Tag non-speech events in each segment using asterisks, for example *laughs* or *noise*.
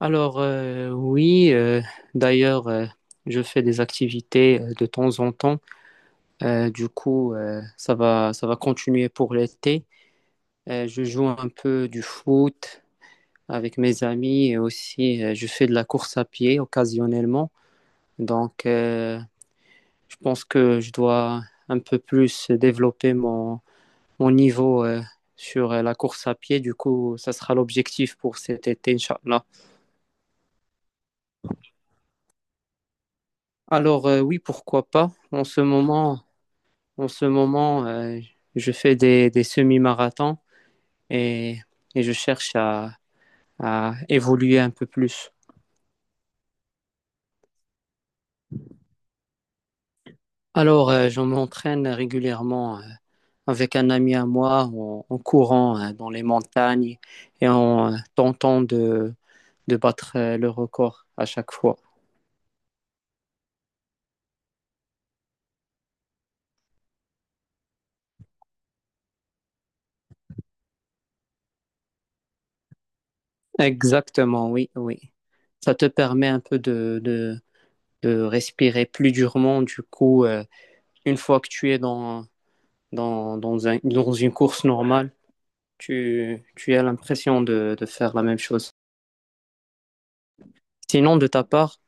Oui, d'ailleurs, je fais des activités de temps en temps. Ça va continuer pour l'été. Je joue un peu du foot avec mes amis et aussi je fais de la course à pied occasionnellement. Donc, euh, je pense que je dois un peu plus développer mon niveau sur la course à pied. Du coup, ça sera l'objectif pour cet été, Inch'Allah. Oui, pourquoi pas. En ce moment, je fais des semi-marathons et, et je cherche à évoluer un peu plus. Je m'entraîne régulièrement avec un ami à moi en courant dans les montagnes et en tentant de battre le record à chaque fois. Exactement, oui, oui. Ça te permet un peu de respirer plus durement. Une fois que tu es dans dans une course normale, tu as l'impression de faire la même chose. Sinon, de ta part,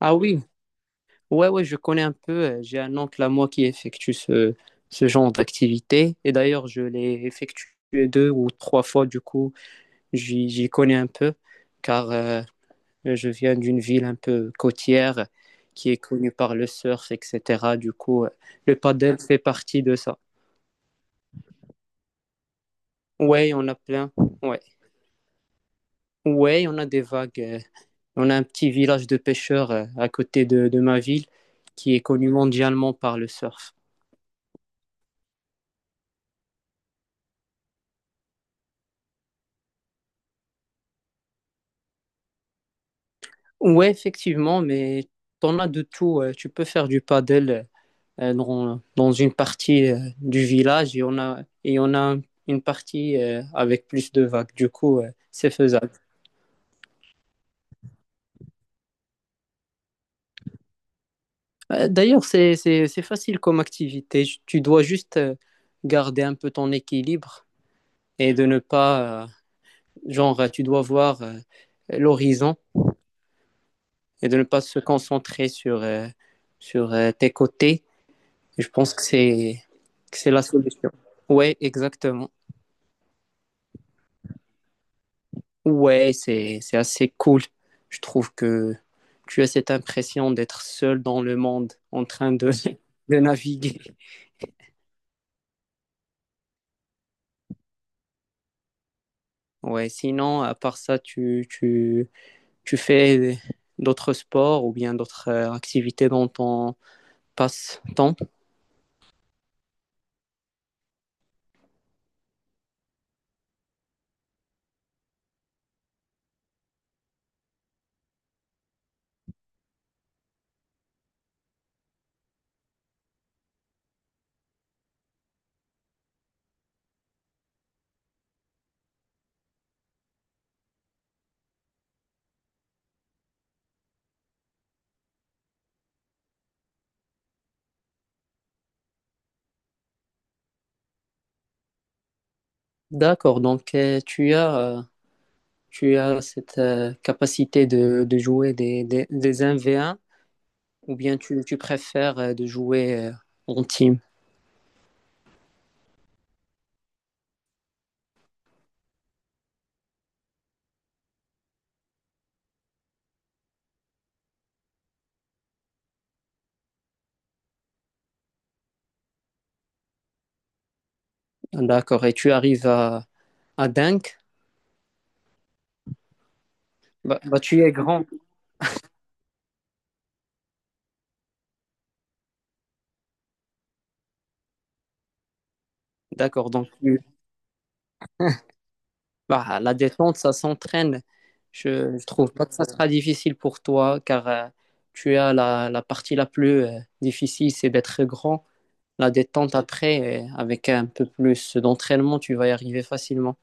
ah oui, ouais, ouais, je connais un peu. J'ai un oncle à moi qui effectue ce genre d'activité. Et d'ailleurs, je l'ai effectué deux ou trois fois, du coup, j'y connais un peu, car je viens d'une ville un peu côtière qui est connue par le surf, etc. Le paddle fait partie de ça. Ouais, on a plein. Ouais, ouais, on a des vagues on a un petit village de pêcheurs à côté de ma ville qui est connu mondialement par le surf. Ouais, effectivement, mais t'en as de tout. Tu peux faire du paddle dans, dans une partie du village et on a une partie avec plus de vagues. C'est faisable. D'ailleurs, c'est facile comme activité. Tu dois juste garder un peu ton équilibre et de ne pas, genre, tu dois voir l'horizon et de ne pas se concentrer sur tes côtés. Je pense que c'est la solution. Ouais, exactement. Ouais, c'est assez cool. Je trouve que tu as cette impression d'être seul dans le monde en train *laughs* de naviguer. Ouais, sinon, à part ça, tu fais d'autres sports ou bien d'autres activités dans ton passe-temps. D'accord, donc tu as cette capacité de jouer des un v un ou bien tu préfères de jouer en team. D'accord. Et tu arrives à Dunk, bah, bah, tu es grand. D'accord. Donc, tu- bah, la détente, ça s'entraîne. Je trouve pas que ça sera difficile pour toi car tu as la partie la plus difficile, c'est d'être grand. La détente après, avec un peu plus d'entraînement, tu vas y arriver facilement.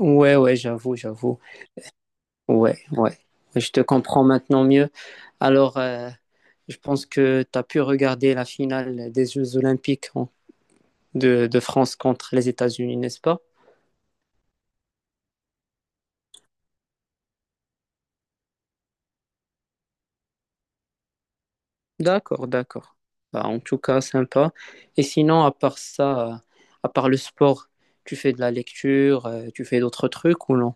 Ouais, ouais, j'avoue, j'avoue. Ouais, ouais. Je te comprends maintenant mieux. Alors, euh, je pense que tu as pu regarder la finale des Jeux Olympiques hein, de France contre les États-Unis, n'est-ce pas? D'accord, d'accord. Bah, en tout cas, sympa. Et sinon, à part ça, à part le sport, tu fais de la lecture, tu fais d'autres trucs ou non?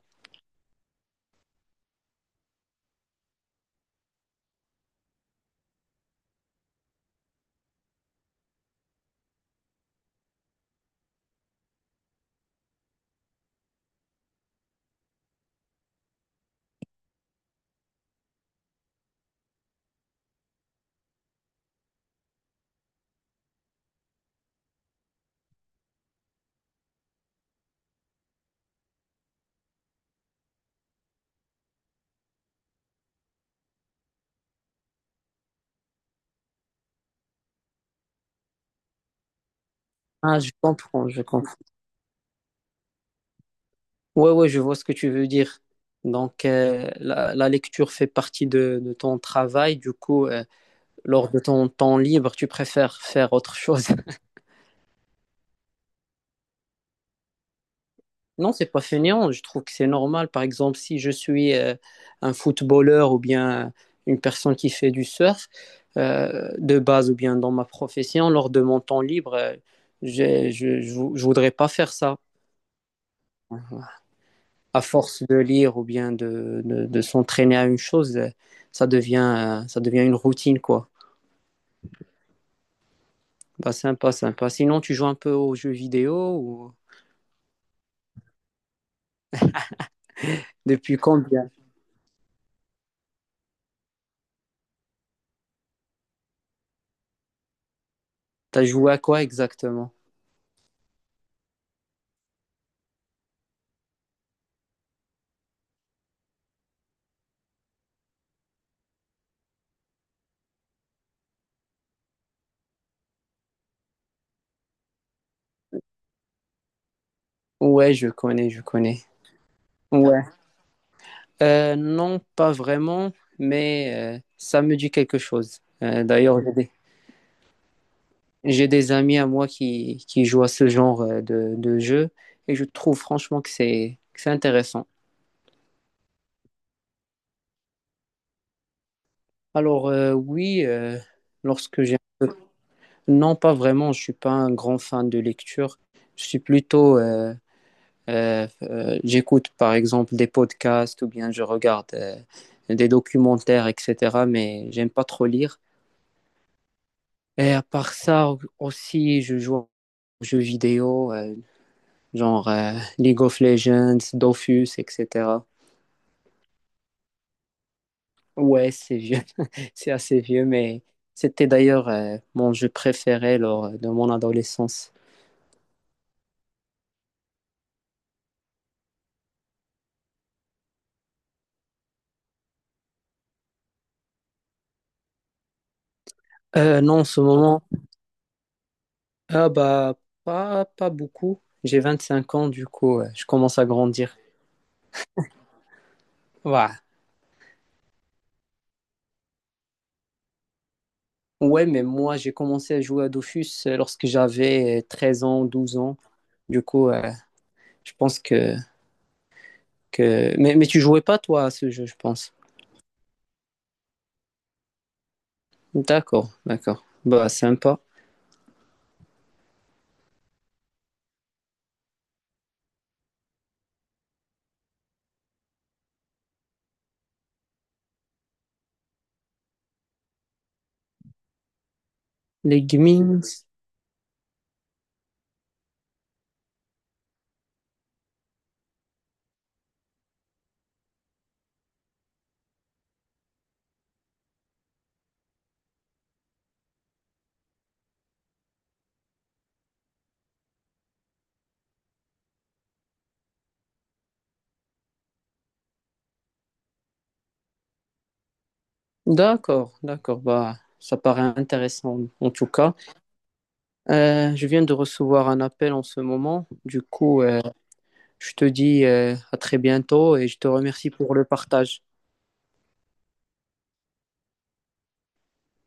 Ah, je comprends, je comprends. Ouais, ouais, je vois ce que tu veux dire. Donc, la lecture fait partie de ton travail. Du coup, lors de ton temps libre, tu préfères faire autre chose. *laughs* Non, c'est pas fainéant. Je trouve que c'est normal. Par exemple, si je suis un footballeur ou bien une personne qui fait du surf de base ou bien dans ma profession, lors de mon temps libre, je voudrais pas faire ça. À force de lire ou bien de s'entraîner à une chose, ça devient une routine, quoi. Bah, sympa, sympa. Sinon, tu joues un peu aux jeux vidéo ou depuis combien? T'as joué à quoi exactement? Ouais, je connais, je connais. Ouais. Non, pas vraiment, mais ça me dit quelque chose. D'ailleurs, j'ai des amis à moi qui jouent à ce genre de jeu et je trouve franchement que c'est intéressant. Oui, lorsque j'ai... Non, pas vraiment, je suis pas un grand fan de lecture. Je suis plutôt j'écoute par exemple des podcasts ou bien je regarde des documentaires, etc. Mais j'aime pas trop lire. Et à part ça aussi, je joue aux jeux vidéo, genre League of Legends, Dofus, etc. Ouais, c'est vieux, *laughs* c'est assez vieux, mais c'était d'ailleurs mon jeu préféré lors de mon adolescence. Non, en ce moment, ah bah pas, pas beaucoup. J'ai 25 ans, du coup, je commence à grandir. Ouais. Ouais, mais moi, j'ai commencé à jouer à Dofus lorsque j'avais 13 ans, 12 ans. Du coup, euh, je pense que... mais tu jouais pas, toi, à ce jeu, je pense. D'accord, d'accord. Bah, sympa. Les gamings. D'accord, d'accord. Bah, ça paraît intéressant, en tout cas. Je viens de recevoir un appel en ce moment. Du coup, je te dis à très bientôt et je te remercie pour le partage.